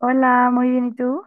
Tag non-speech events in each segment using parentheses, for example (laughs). Hola, muy bien, ¿y tú?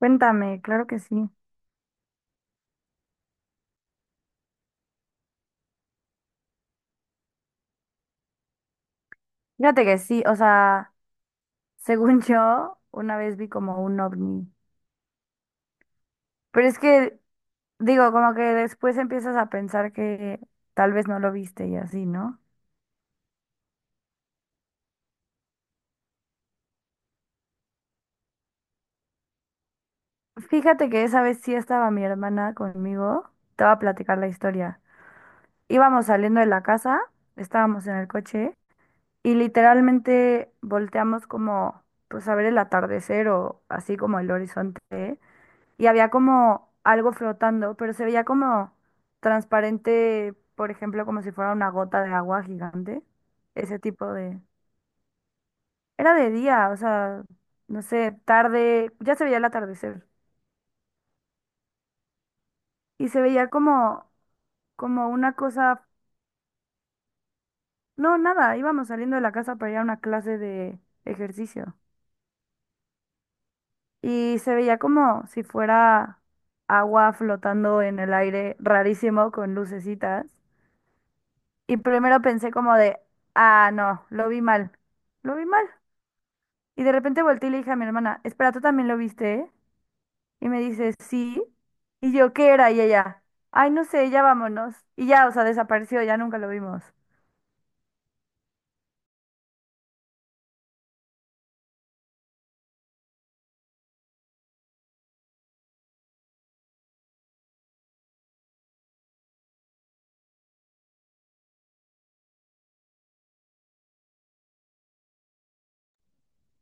Cuéntame, claro que sí. Fíjate que sí, (laughs) según yo, una vez vi como un ovni. Pero es que, digo, como que después empiezas a pensar que tal vez no lo viste y así, ¿no? Fíjate que esa vez sí estaba mi hermana conmigo, te voy a platicar la historia. Íbamos saliendo de la casa, estábamos en el coche y literalmente volteamos como, pues a ver el atardecer o así como el horizonte. Y había como algo flotando, pero se veía como transparente, por ejemplo, como si fuera una gota de agua gigante. Ese tipo de... Era de día, o sea, no sé, tarde, ya se veía el atardecer. Y se veía como, como una cosa... No, nada, íbamos saliendo de la casa para ir a una clase de ejercicio. Y se veía como si fuera agua flotando en el aire, rarísimo, con lucecitas. Y primero pensé como de, ah, no, lo vi mal, lo vi mal. Y de repente volteé y le dije a mi hermana, espera, ¿tú también lo viste, ¿eh?". Y me dice, sí. Y yo, ¿qué era? Y ella, ay, no sé, ya vámonos. Y ya, o sea, desapareció, ya nunca lo vimos.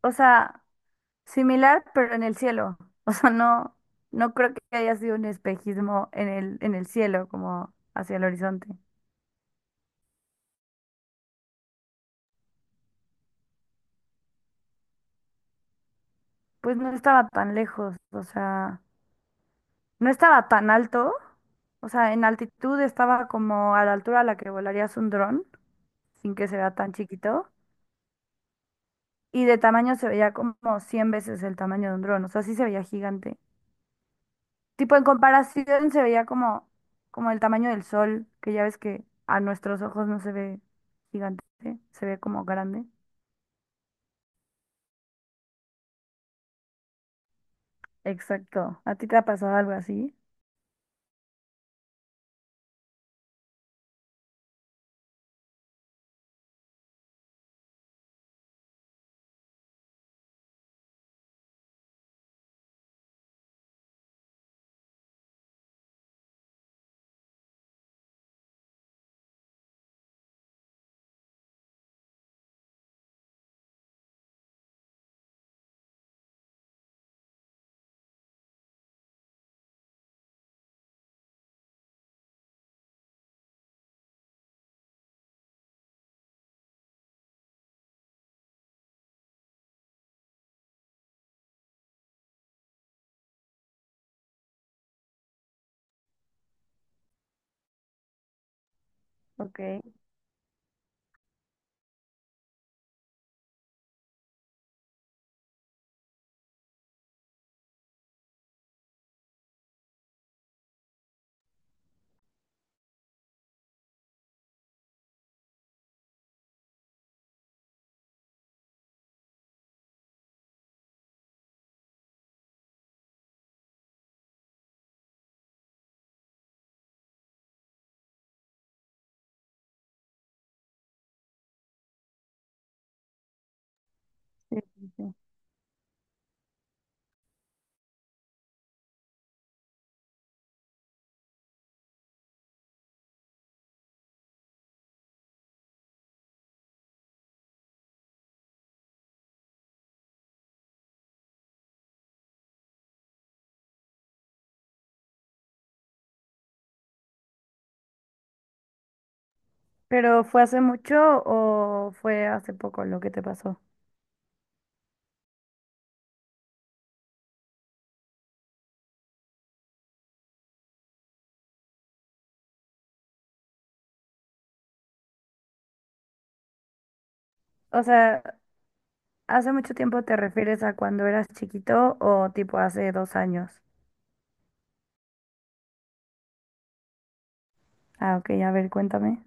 O sea, similar, pero en el cielo. (laughs) O sea, no, no creo que haya sido un espejismo en el cielo, como hacia el horizonte. Pues no estaba tan lejos, o sea... No estaba tan alto, o sea, en altitud estaba como a la altura a la que volarías un dron, sin que se vea tan chiquito, y de tamaño se veía como 100 veces el tamaño de un dron, o sea, sí se veía gigante. Tipo, en comparación se veía como, como el tamaño del sol, que ya ves que a nuestros ojos no se ve gigante, se ve como grande. Exacto. ¿A ti te ha pasado algo así? Ok, sí, sí, sí. ¿Pero fue hace mucho o fue hace poco lo que te pasó? O sea, ¿Hace mucho tiempo te refieres a cuando eras chiquito o tipo hace 2 años? Ah, ok, a ver, cuéntame.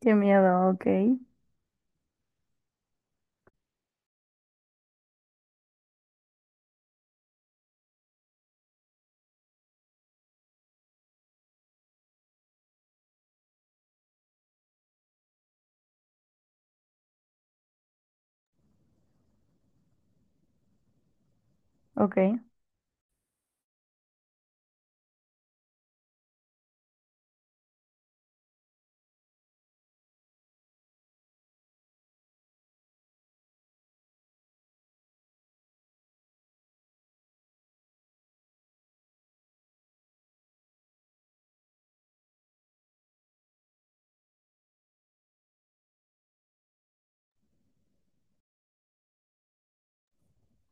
Qué miedo, ok, ok,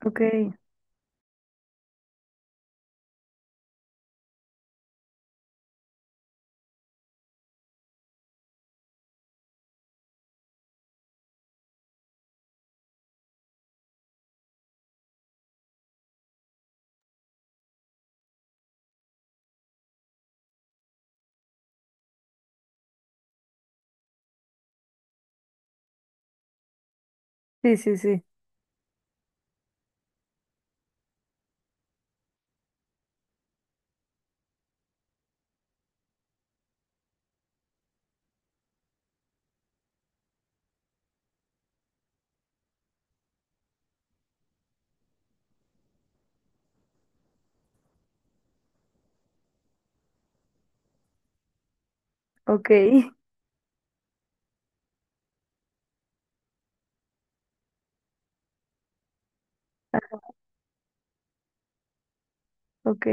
ok. Sí, sí, sí, ok, (laughs) ok.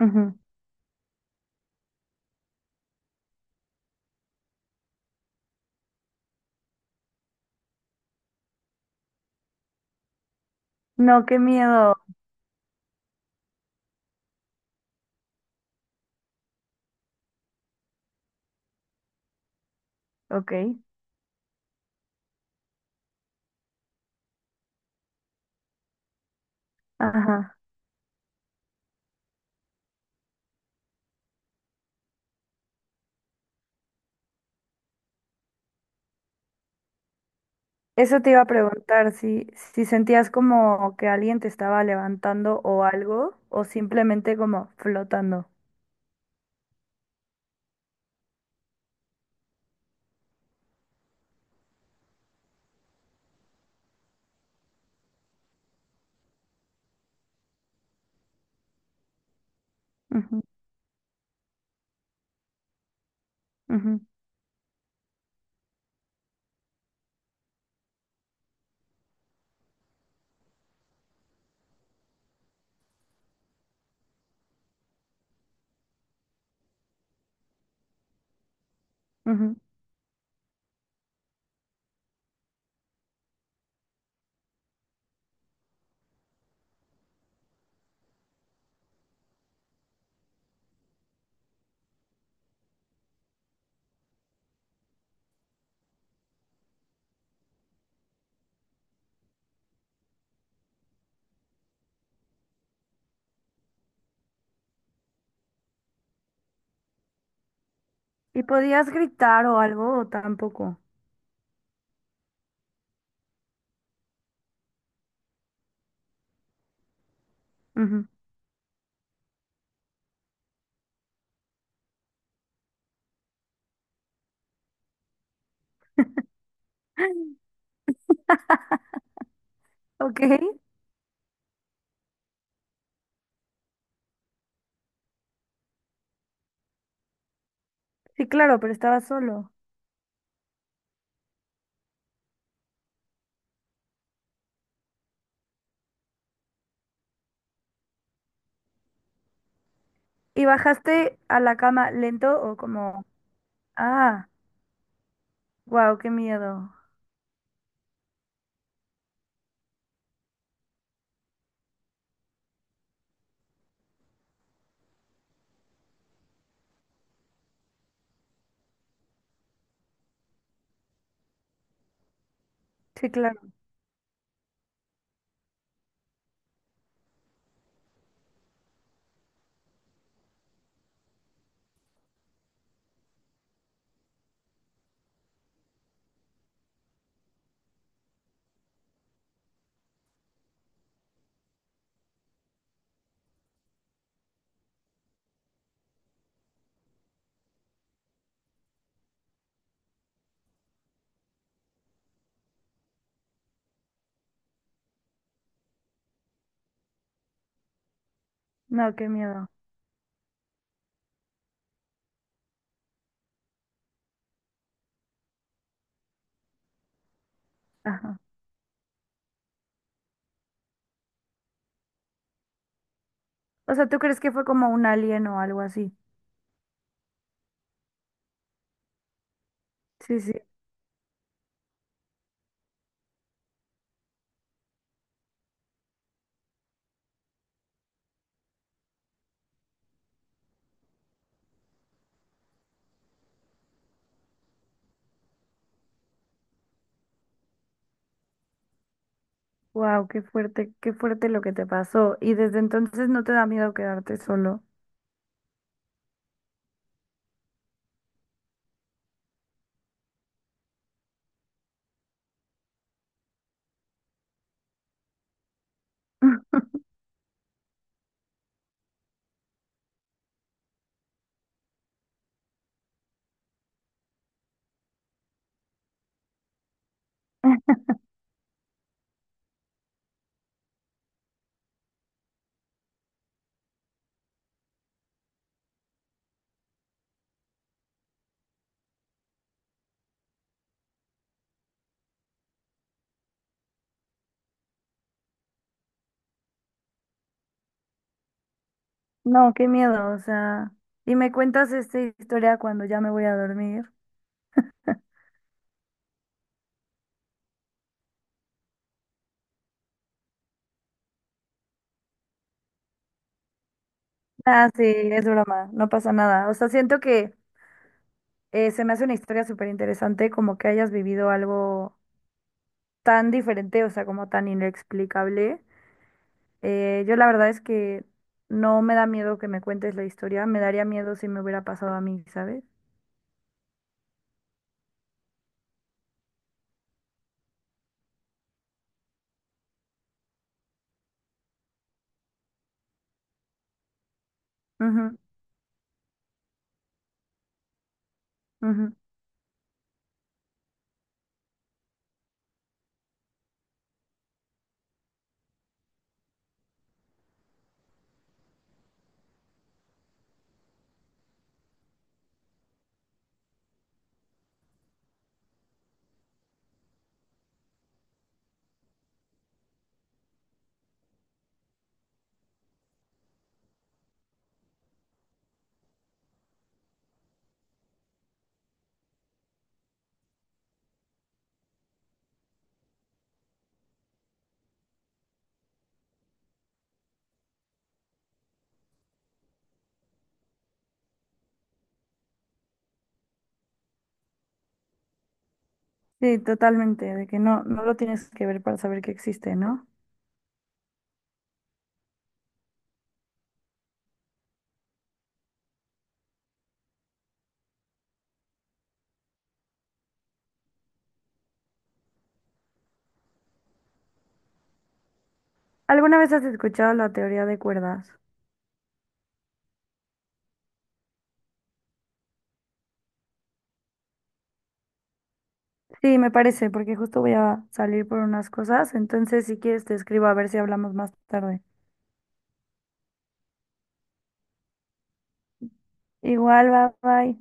Ujú. No, qué miedo, ok, ajá. Eso te iba a preguntar, si, si sentías como que alguien te estaba levantando o algo, o simplemente como flotando. Ujú, ujú, ujú. ¿Y podías gritar o algo o tampoco? Ujú. (gasps) (laughs) Ok. Sí, claro, pero estaba solo. ¿Y bajaste a la cama lento o como, ah, wow, qué miedo? Sí, claro. No, qué miedo. Ajá. O sea, ¿tú crees que fue como un alien o algo así? Sí, sí. Wow, qué fuerte lo que te pasó. Y desde entonces no te da miedo quedarte solo. (laughs) No, qué miedo, o sea. Y me cuentas esta historia cuando ya me voy a dormir. (laughs) Ah, sí, es broma, no pasa nada. O sea, siento que se me hace una historia súper interesante, como que hayas vivido algo tan diferente, o sea, como tan inexplicable. Yo la verdad es que no me da miedo que me cuentes la historia, me daría miedo si me hubiera pasado a mí, ¿sabes? Ujú, ujú. Sí, totalmente, de que no, no lo tienes que ver para saber que existe, ¿no? ¿Alguna vez has escuchado la teoría de cuerdas? Sí, me parece, porque justo voy a salir por unas cosas, entonces si quieres te escribo a ver si hablamos más tarde. Igual, bye bye.